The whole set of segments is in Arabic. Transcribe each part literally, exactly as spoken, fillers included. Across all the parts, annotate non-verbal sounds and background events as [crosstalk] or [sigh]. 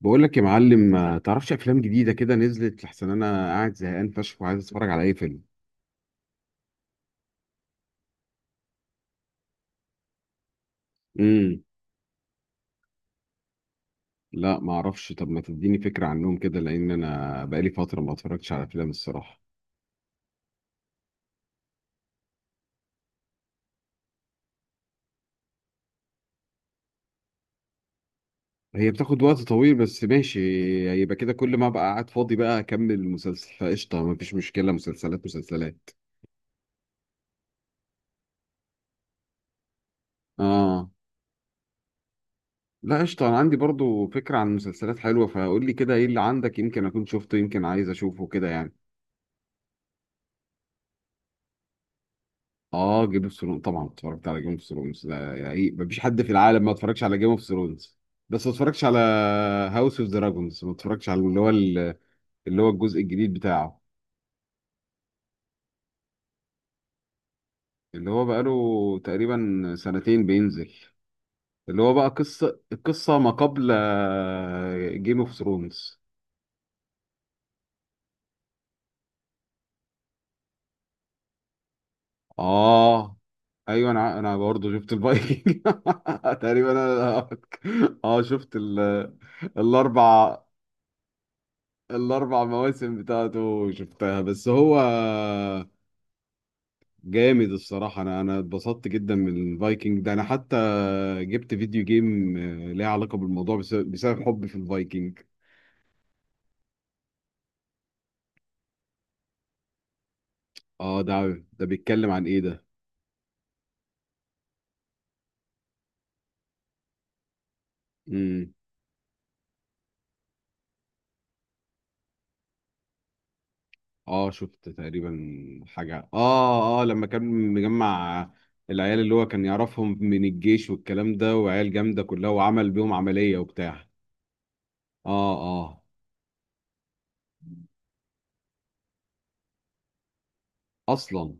بقول لك يا معلم، ما تعرفش افلام جديده كده نزلت؟ لحسن انا قاعد زهقان فشخ وعايز اتفرج على اي فيلم. امم. لا، ما اعرفش. طب ما تديني فكره عنهم كده، لان انا بقالي فتره ما اتفرجتش على افلام الصراحه. هي بتاخد وقت طويل بس ماشي. يبقى كده كل ما ابقى قاعد فاضي بقى اكمل المسلسل فقشطه، ما فيش مشكله. مسلسلات مسلسلات. اه. لا قشطه، انا عندي برضو فكره عن مسلسلات حلوه، فقول لي كده ايه اللي عندك، يمكن اكون شفته، يمكن عايز اشوفه كده يعني. اه، جيم اوف ثرونز طبعا اتفرجت على جيم اوف ثرونز ده، يعني ما فيش حد في العالم ما اتفرجش على جيم اوف ثرونز. بس ما اتفرجش على هاوس اوف دراجونز، ما اتفرجش على اللي هو اللي هو الجزء الجديد بتاعه. اللي هو بقاله تقريبا سنتين بينزل. اللي هو بقى قصة القصة ما قبل جيم اوف ثرونز. اه. ايوه، انا انا برضه شفت الفايكنج [laughs] تقريبا انا. اه شفت ال- الاربع الاربع مواسم بتاعته شفتها، بس هو جامد الصراحه. انا انا اتبسطت جدا من الفايكنج ده. انا حتى جبت فيديو جيم، آه، ليه علاقه بالموضوع بسبب, بسبب حبي في الفايكنج. اه، ده ده بيتكلم عن ايه ده؟ امم. اه شفت تقريبا. حاجه، اه اه لما كان مجمع العيال اللي هو كان يعرفهم من الجيش والكلام ده، وعيال جامده كلها وعمل بيهم عمليه وبتاع. اه. اه اصلا.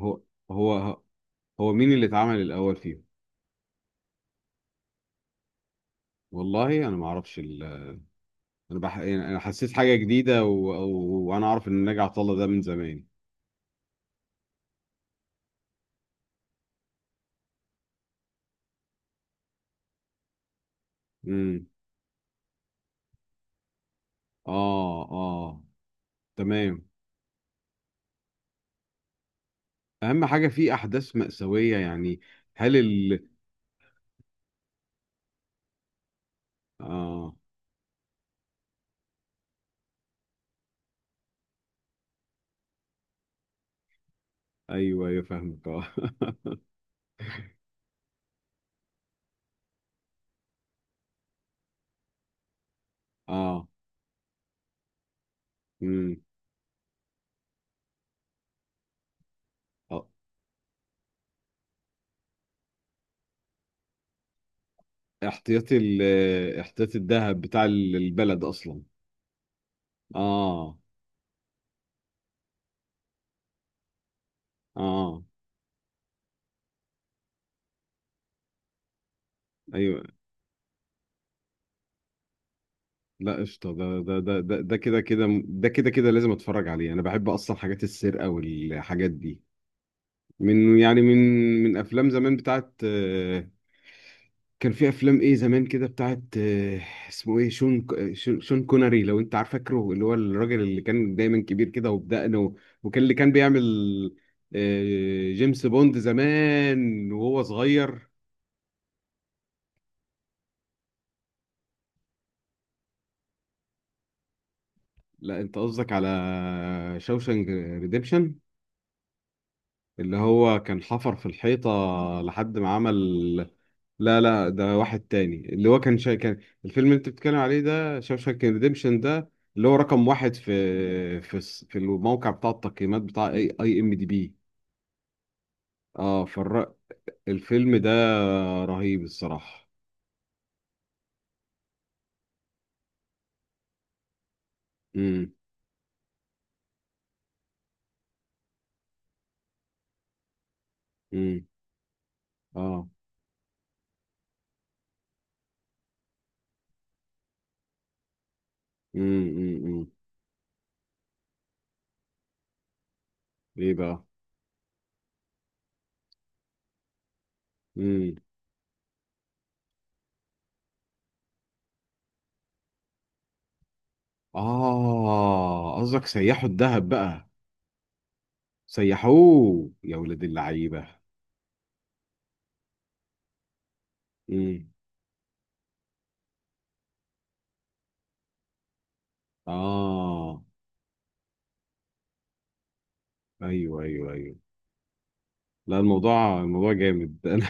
هو هو هو مين اللي اتعمل الاول فيهم؟ والله انا ما اعرفش ال... انا بح... يعني انا حسيت حاجه جديده، و... و... وانا اعرف ان ناجي عطا الله ده من زمان. امم. اه. اه. تمام. اهم حاجه في احداث مأساويه يعني. هل ال اه، ايوه ايوه فاهمك، اه. [laughs] اه. امم. آه. احتياطي ال... احتياطي الذهب بتاع ال- البلد اصلا. اه. اه. ايوه. لا قشطة، ده ده ده ده ده كده كده ده كده كده لازم اتفرج عليه. انا بحب اصلا حاجات السرقة والحاجات دي. من يعني من من افلام زمان بتاعت، آه، كان في افلام ايه زمان كده بتاعت، آه، اسمه ايه؟ شون ك- شون شون كوناري، لو انت عارف، فاكره اللي هو الراجل اللي كان دايما كبير كده وبدقنه و- وكان اللي كان بيعمل آه، جيمس بوند زمان وهو صغير. لا، انت قصدك على شوشانك ريديمشن اللي هو كان حفر في الحيطة لحد ما عمل. لا لا، ده واحد تاني. اللي هو كان شا... كان الفيلم اللي انت بتتكلم عليه ده شاوشانك ريديمشن ده، اللي هو رقم واحد في في الس- في الموقع بتاع التقييمات بتاع اي اي ام دي بي. اه، فالر... الفيلم ده رهيب الصراحة. امم. امم. اه. امم. امم. أمم. ايه بقى؟ امم. اه قصدك سيحوا الذهب بقى. سيحوه يا ولاد اللعيبة. امم. اه. ايوه ايوه ايوه. لا، الموضوع الموضوع جامد [laughs] انا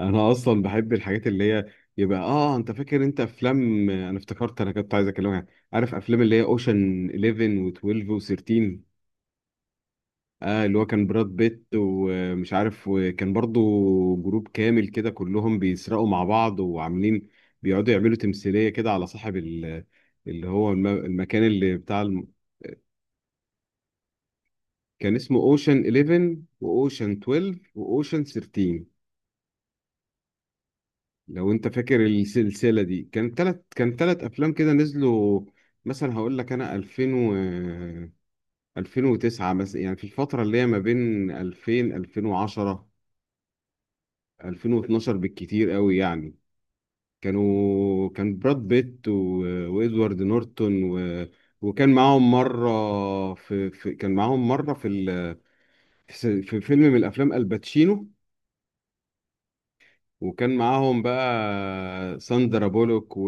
انا اصلا بحب الحاجات اللي هي. يبقى اه انت فاكر انت افلام؟ انا افتكرت انا كنت عايز اكلمك. عارف افلام اللي هي اوشن إليفن و12 و13؟ اه اللي هو كان براد بيت ومش عارف، وكان برضو جروب كامل كده كلهم بيسرقوا مع بعض وعاملين بيقعدوا يعملوا تمثيلية كده على صاحب ال- اللي هو الم- المكان اللي بتاع الم... كان اسمه اوشن حداشر واوشن اتناشر واوشن تلتاشر، لو انت فاكر السلسله دي. كان تلت كان تلت افلام كده نزلوا. مثلا هقول لك انا ألفين و ألفين وتسعة مثلا، يعني في الفتره اللي هي ما بين ألفين وشوية، ألفين وعشرة، ألفين واثني عشر بالكتير قوي يعني. كانوا، كان براد بيت و... وادوارد نورتون، و... وكان معاهم مره في... في كان معاهم مره في ال... في في فيلم من الافلام الباتشينو، وكان معاهم بقى ساندرا بولوك، و...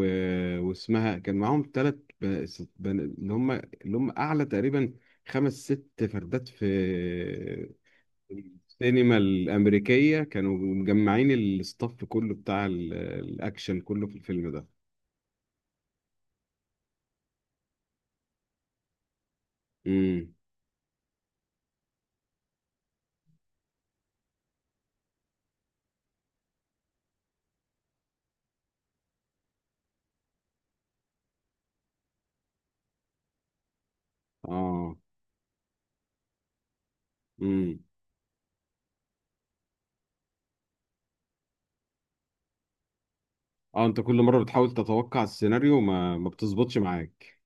واسمها كان معاهم ثلاث بن... ست- بن... اللي هم اللي هم اعلى تقريبا خمس ست فردات في السينما الامريكيه. كانوا مجمعين الاستاف كله بتاع ال... الاكشن كله في الفيلم ده. امم. اه. امم. اه، انت كل مره بتحاول تتوقع السيناريو، ما ما بتظبطش معاك.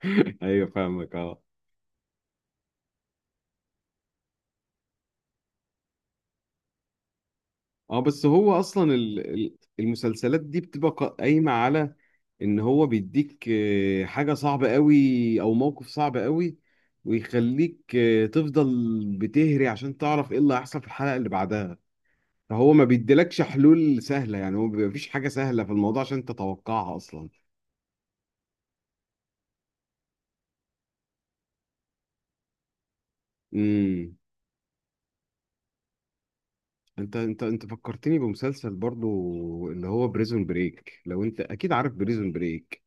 [laughs] ايوه فاهمك اه. اه، بس هو اصلا ال- ال- المسلسلات دي بتبقى قا- قايمه على ان هو بيديك آه، حاجه صعبه قوي او موقف صعب قوي، ويخليك آه، تفضل بتهري عشان تعرف ايه اللي هيحصل في الحلقه اللي بعدها. فهو ما بيديلكش حلول سهله يعني، هو بيبقى مفيش حاجه سهله في الموضوع عشان تتوقعها اصلا. امم. انت انت انت فكرتني بمسلسل برضو، اللي هو بريزون بريك، لو انت اكيد عارف بريزون بريك.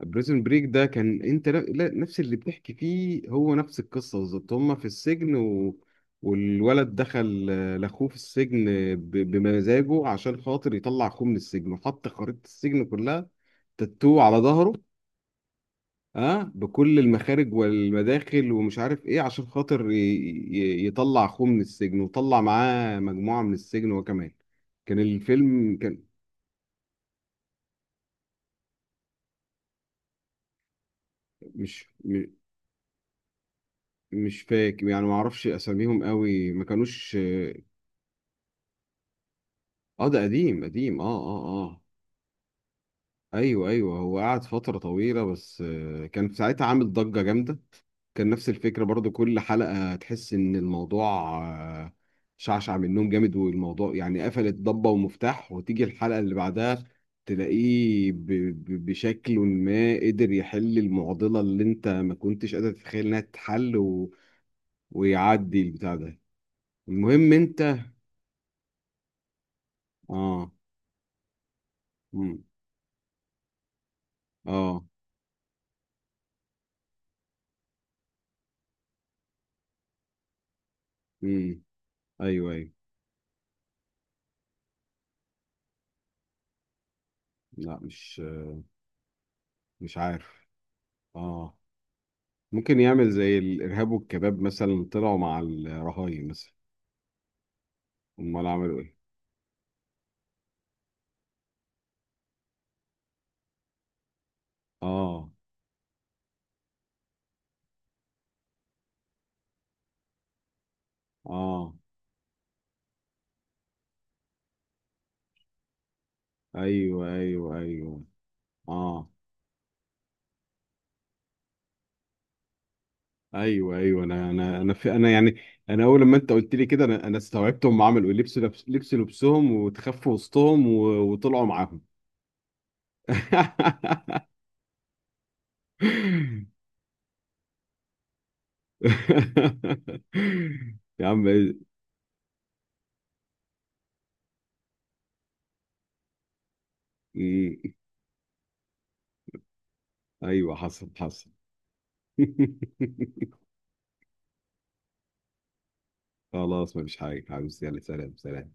بريزن بريك ده كان انت، لا- لا- نفس اللي بتحكي فيه، هو نفس القصه بالظبط. هما في السجن، و... والولد دخل، آه، لاخوه في السجن ب... بمزاجه عشان خاطر يطلع اخوه من السجن، وحط خريطه السجن كلها تاتو على ظهره، اه بكل المخارج والمداخل ومش عارف ايه، عشان خاطر ي... ي... يطلع اخوه من السجن، وطلع معاه مجموعه من السجن هو كمان. كان الفيلم كان، مش م- مش فاكر يعني، ما اعرفش اساميهم قوي ما كانوش. اه ده قديم قديم. اه. اه. اه. ايوه ايوه، هو قعد فترة طويلة، بس آه، كان في ساعتها عامل ضجة جامدة. كان نفس الفكرة برضو، كل حلقة تحس ان الموضوع، آه، شعشع منهم جامد، والموضوع يعني قفلت ضبة ومفتاح، وتيجي الحلقة اللي بعدها تلاقيه ب- ب- بشكل ما قدر يحل المعضلة اللي انت ما كنتش قادر تتخيل انها تتحل، و... ويعدي البتاع ده. المهم انت. اه. مم. اه. مم. ايوه ايوه. لا مش مش عارف. اه ممكن يعمل زي الارهاب والكباب مثلا، طلعوا مع الرهاين مثلا. امال عملوا ايه؟ اه. اه. ايوه ايوه ايوه. اه، ايوه ايوه، انا انا انا في انا يعني. انا اول لما انت قلت لي كده انا انا استوعبت هم عملوا ايه، لبسوا لبس لبسوا لبسهم وتخفوا وسطهم، و- وطلعوا معاهم. [laughs] يا عم إيه؟ مم. ايوه حصل حصل. [laughs] خلاص، مفيش حاجة حبيبي يعني، سلام سلام.